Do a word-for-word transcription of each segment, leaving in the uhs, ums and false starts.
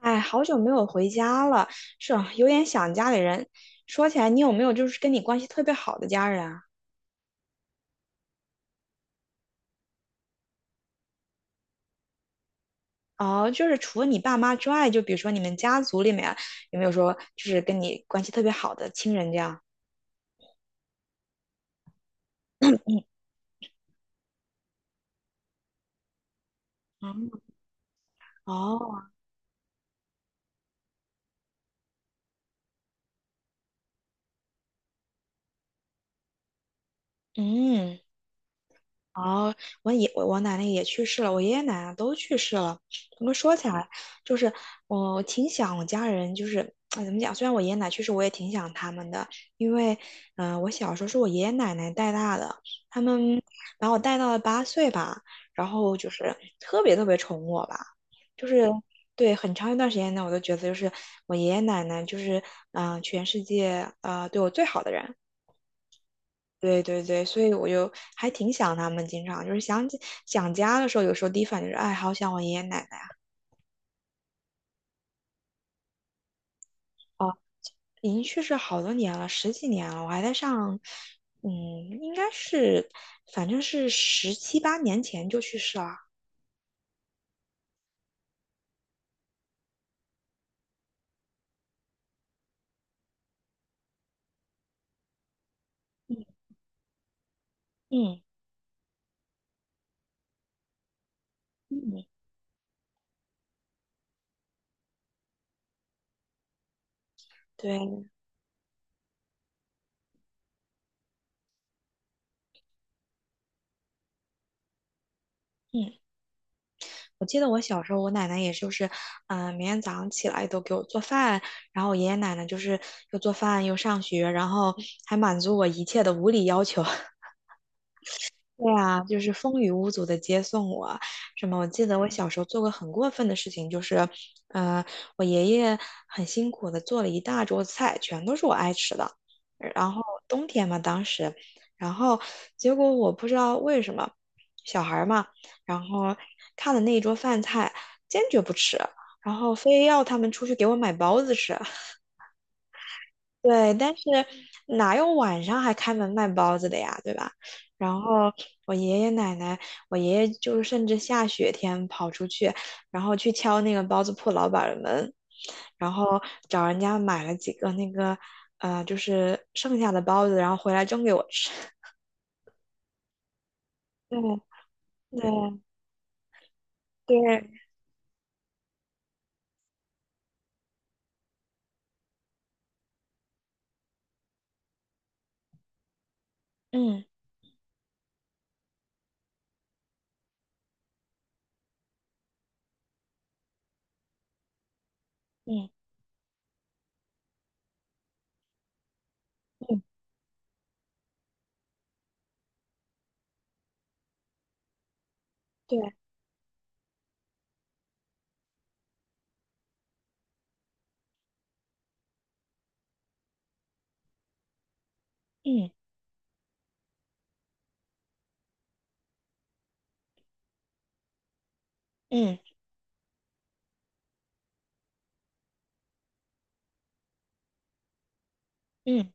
哎，好久没有回家了，是啊有点想家里人。说起来，你有没有就是跟你关系特别好的家人啊？哦，就是除了你爸妈之外，就比如说你们家族里面有没有说就是跟你关系特别好的亲人这样？啊。哦，哦。嗯。哦，我爷我我奶奶也去世了，我爷爷奶奶都去世了。我么说起来，就是我挺想我家人，就是哎怎么讲？虽然我爷爷奶奶去世，我也挺想他们的，因为嗯、呃我小时候是我爷爷奶奶带大的，他们把我带到了八岁吧，然后就是特别特别宠我吧，就是对，很长一段时间呢，我都觉得就是我爷爷奶奶就是嗯、呃全世界啊对我最好的人。对对对，所以我就还挺想他们，经常就是想起想家的时候，有时候第一反应就是，哎，好想我爷爷奶奶。哦，已经去世好多年了，十几年了，我还在上，嗯，应该是，反正是十七八年前就去世了。嗯嗯。嗯对。嗯。我记得我小时候，我奶奶也就是，嗯、每天早上起来都给我做饭，然后我爷爷奶奶就是又做饭又上学，然后还满足我一切的无理要求。对啊，就是风雨无阻的接送我。什么？我记得我小时候做过很过分的事情，就是，呃，我爷爷很辛苦的做了一大桌子菜，全都是我爱吃的。然后冬天嘛，当时，然后结果我不知道为什么，小孩儿嘛，然后看了那一桌饭菜，坚决不吃，然后非要他们出去给我买包子吃。对，但是哪有晚上还开门卖包子的呀，对吧？然后我爷爷奶奶，我爷爷就是甚至下雪天跑出去，然后去敲那个包子铺老板儿的门，然后找人家买了几个那个，呃，就是剩下的包子，然后回来蒸给我吃。对。 对对。嗯嗯嗯。对。嗯嗯嗯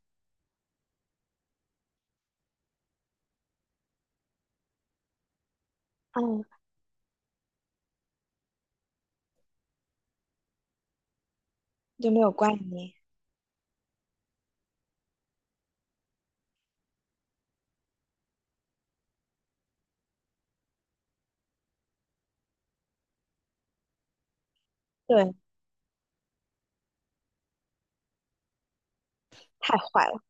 嗯。就没有怪你。对。太坏了。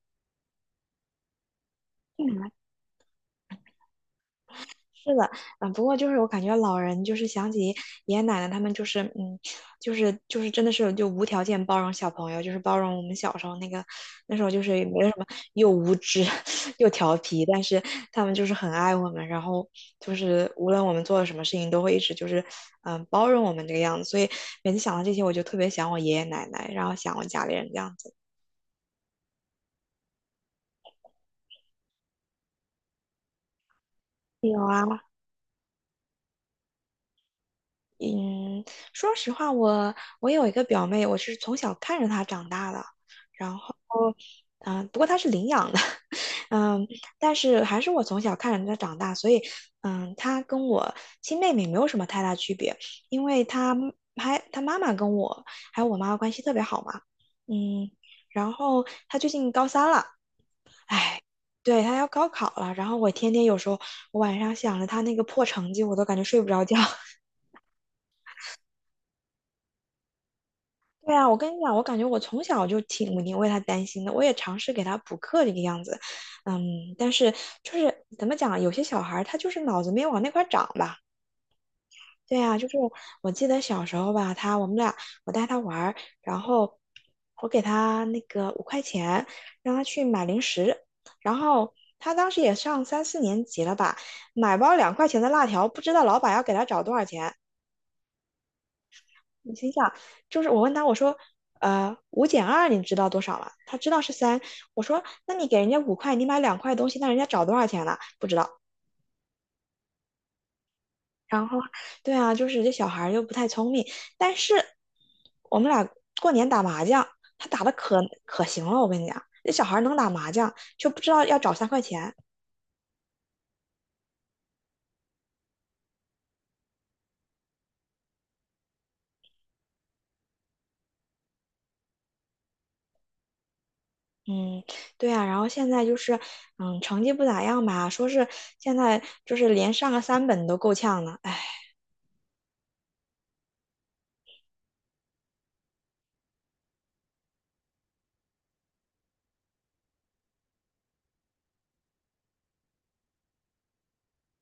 嗯。是的。嗯，不过就是我感觉老人就是想起爷爷奶奶他们就是嗯，就是就是真的是就无条件包容小朋友，就是包容我们小时候那个那时候就是也没有什么又无知 又调皮，但是他们就是很爱我们，然后就是无论我们做了什么事情都会一直就是嗯包容我们这个样子，所以每次想到这些我就特别想我爷爷奶奶，然后想我家里人这样子。有啊。嗯，说实话，我我有一个表妹，我是从小看着她长大的，然后，嗯、不过她是领养的，嗯，但是还是我从小看着她长大，所以，嗯，她跟我亲妹妹没有什么太大区别，因为她还她妈妈跟我还有我妈关系特别好嘛，嗯，然后她最近高三了，对，她要高考了，然后我天天有时候我晚上想着她那个破成绩，我都感觉睡不着觉。对啊，我跟你讲，我感觉我从小就挺挺为他担心的，我也尝试给他补课这个样子，嗯，但是就是怎么讲，有些小孩儿他就是脑子没往那块儿长吧。对啊，就是我记得小时候吧，他我们俩我带他玩儿，然后我给他那个五块钱，让他去买零食，然后他当时也上三四年级了吧，买包两块钱的辣条，不知道老板要给他找多少钱。你心想，就是我问他，我说，呃，五减二你知道多少了？他知道是三。我说，那你给人家五块，你买两块东西，那人家找多少钱了？不知道。然后，对啊，就是这小孩儿又不太聪明，但是我们俩过年打麻将，他打的可可行了，我跟你讲，这小孩儿能打麻将，就不知道要找三块钱。嗯。对啊，然后现在就是，嗯，成绩不咋样吧，说是现在就是连上个三本都够呛了，哎。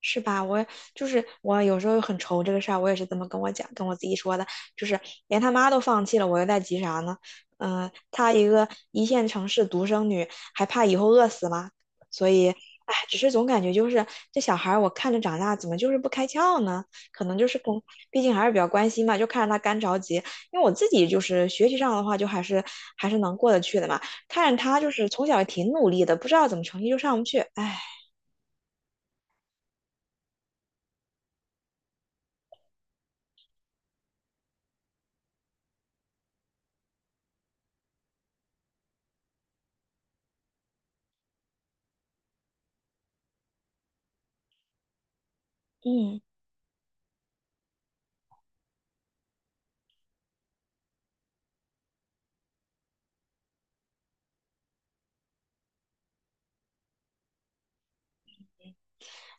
是吧？我就是我有时候很愁这个事儿，我也是这么跟我讲，跟我自己说的，就是连他妈都放弃了，我又在急啥呢？嗯、她一个一线城市独生女，还怕以后饿死吗？所以，哎，只是总感觉就是这小孩，我看着长大，怎么就是不开窍呢？可能就是跟，毕竟还是比较关心嘛，就看着他干着急。因为我自己就是学习上的话，就还是还是能过得去的嘛。看着他就是从小也挺努力的，不知道怎么成绩就上不去，哎。嗯。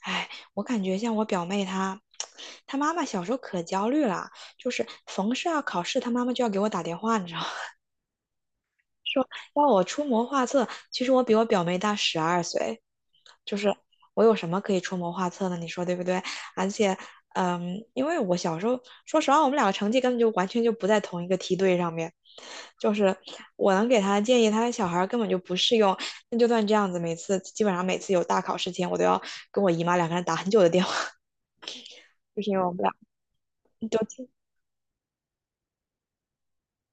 哎，我感觉像我表妹她，她妈妈小时候可焦虑了，就是逢是要考试，她妈妈就要给我打电话，你知道吗？要我出谋划策。其实我比我表妹大十二岁，就是我有什么可以出谋划策呢？你说对不对？而且，嗯，因为我小时候，说实话，我们两个成绩根本就完全就不在同一个梯队上面。就是我能给她的建议，她的小孩儿根本就不适用。那就算这样子，每次基本上每次有大考试前，我都要跟我姨妈两个人打很久的电话，就是因为我们俩就挺，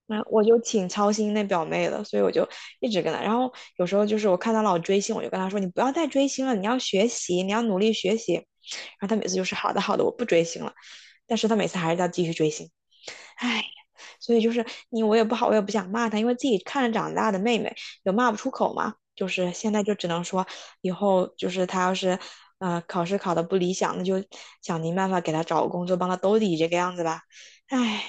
嗯，我就挺操心那表妹的，所以我就一直跟她。然后有时候就是我看她老追星，我就跟她说："你不要再追星了，你要学习，你要努力学习。"然后她每次就是好的好的，我不追星了。但是她每次还是要继续追星，唉，所以就是你我也不好，我也不想骂她，因为自己看着长大的妹妹，有骂不出口嘛。就是现在就只能说，以后就是她要是，呃，考试考得不理想，那就想尽办法给她找个工作，帮她兜底这个样子吧。唉。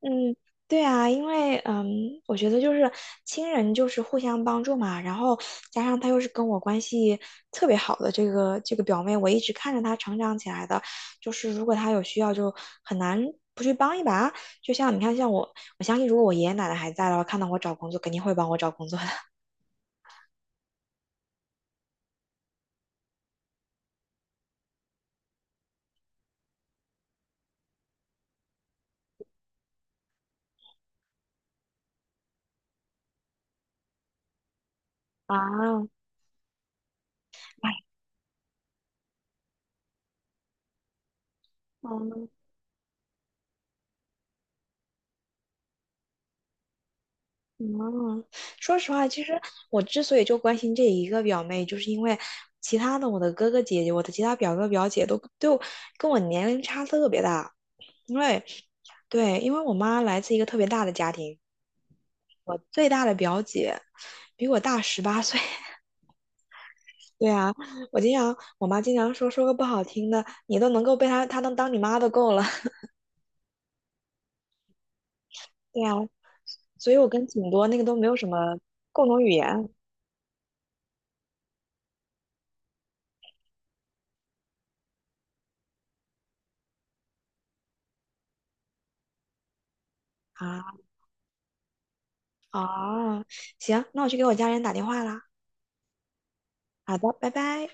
嗯，对啊，因为嗯，我觉得就是亲人就是互相帮助嘛，然后加上她又是跟我关系特别好的这个这个表妹，我一直看着她成长起来的，就是如果她有需要就很难不去帮一把。就像你看，像我，我相信如果我爷爷奶奶还在的话，看到我找工作肯定会帮我找工作的。啊。哎。嗯，说实话，其实我之所以就关心这一个表妹，就是因为其他的我的哥哥姐姐，我的其他表哥表姐都都跟我年龄差特别大，因为对，因为我妈来自一个特别大的家庭，我最大的表姐比我大十八岁。对啊，我经常我妈经常说说个不好听的，你都能够被她她能当你妈都够了。对啊，所以我跟挺多那个都没有什么共同语言啊。哦，行，那我去给我家人打电话啦。好的，拜拜。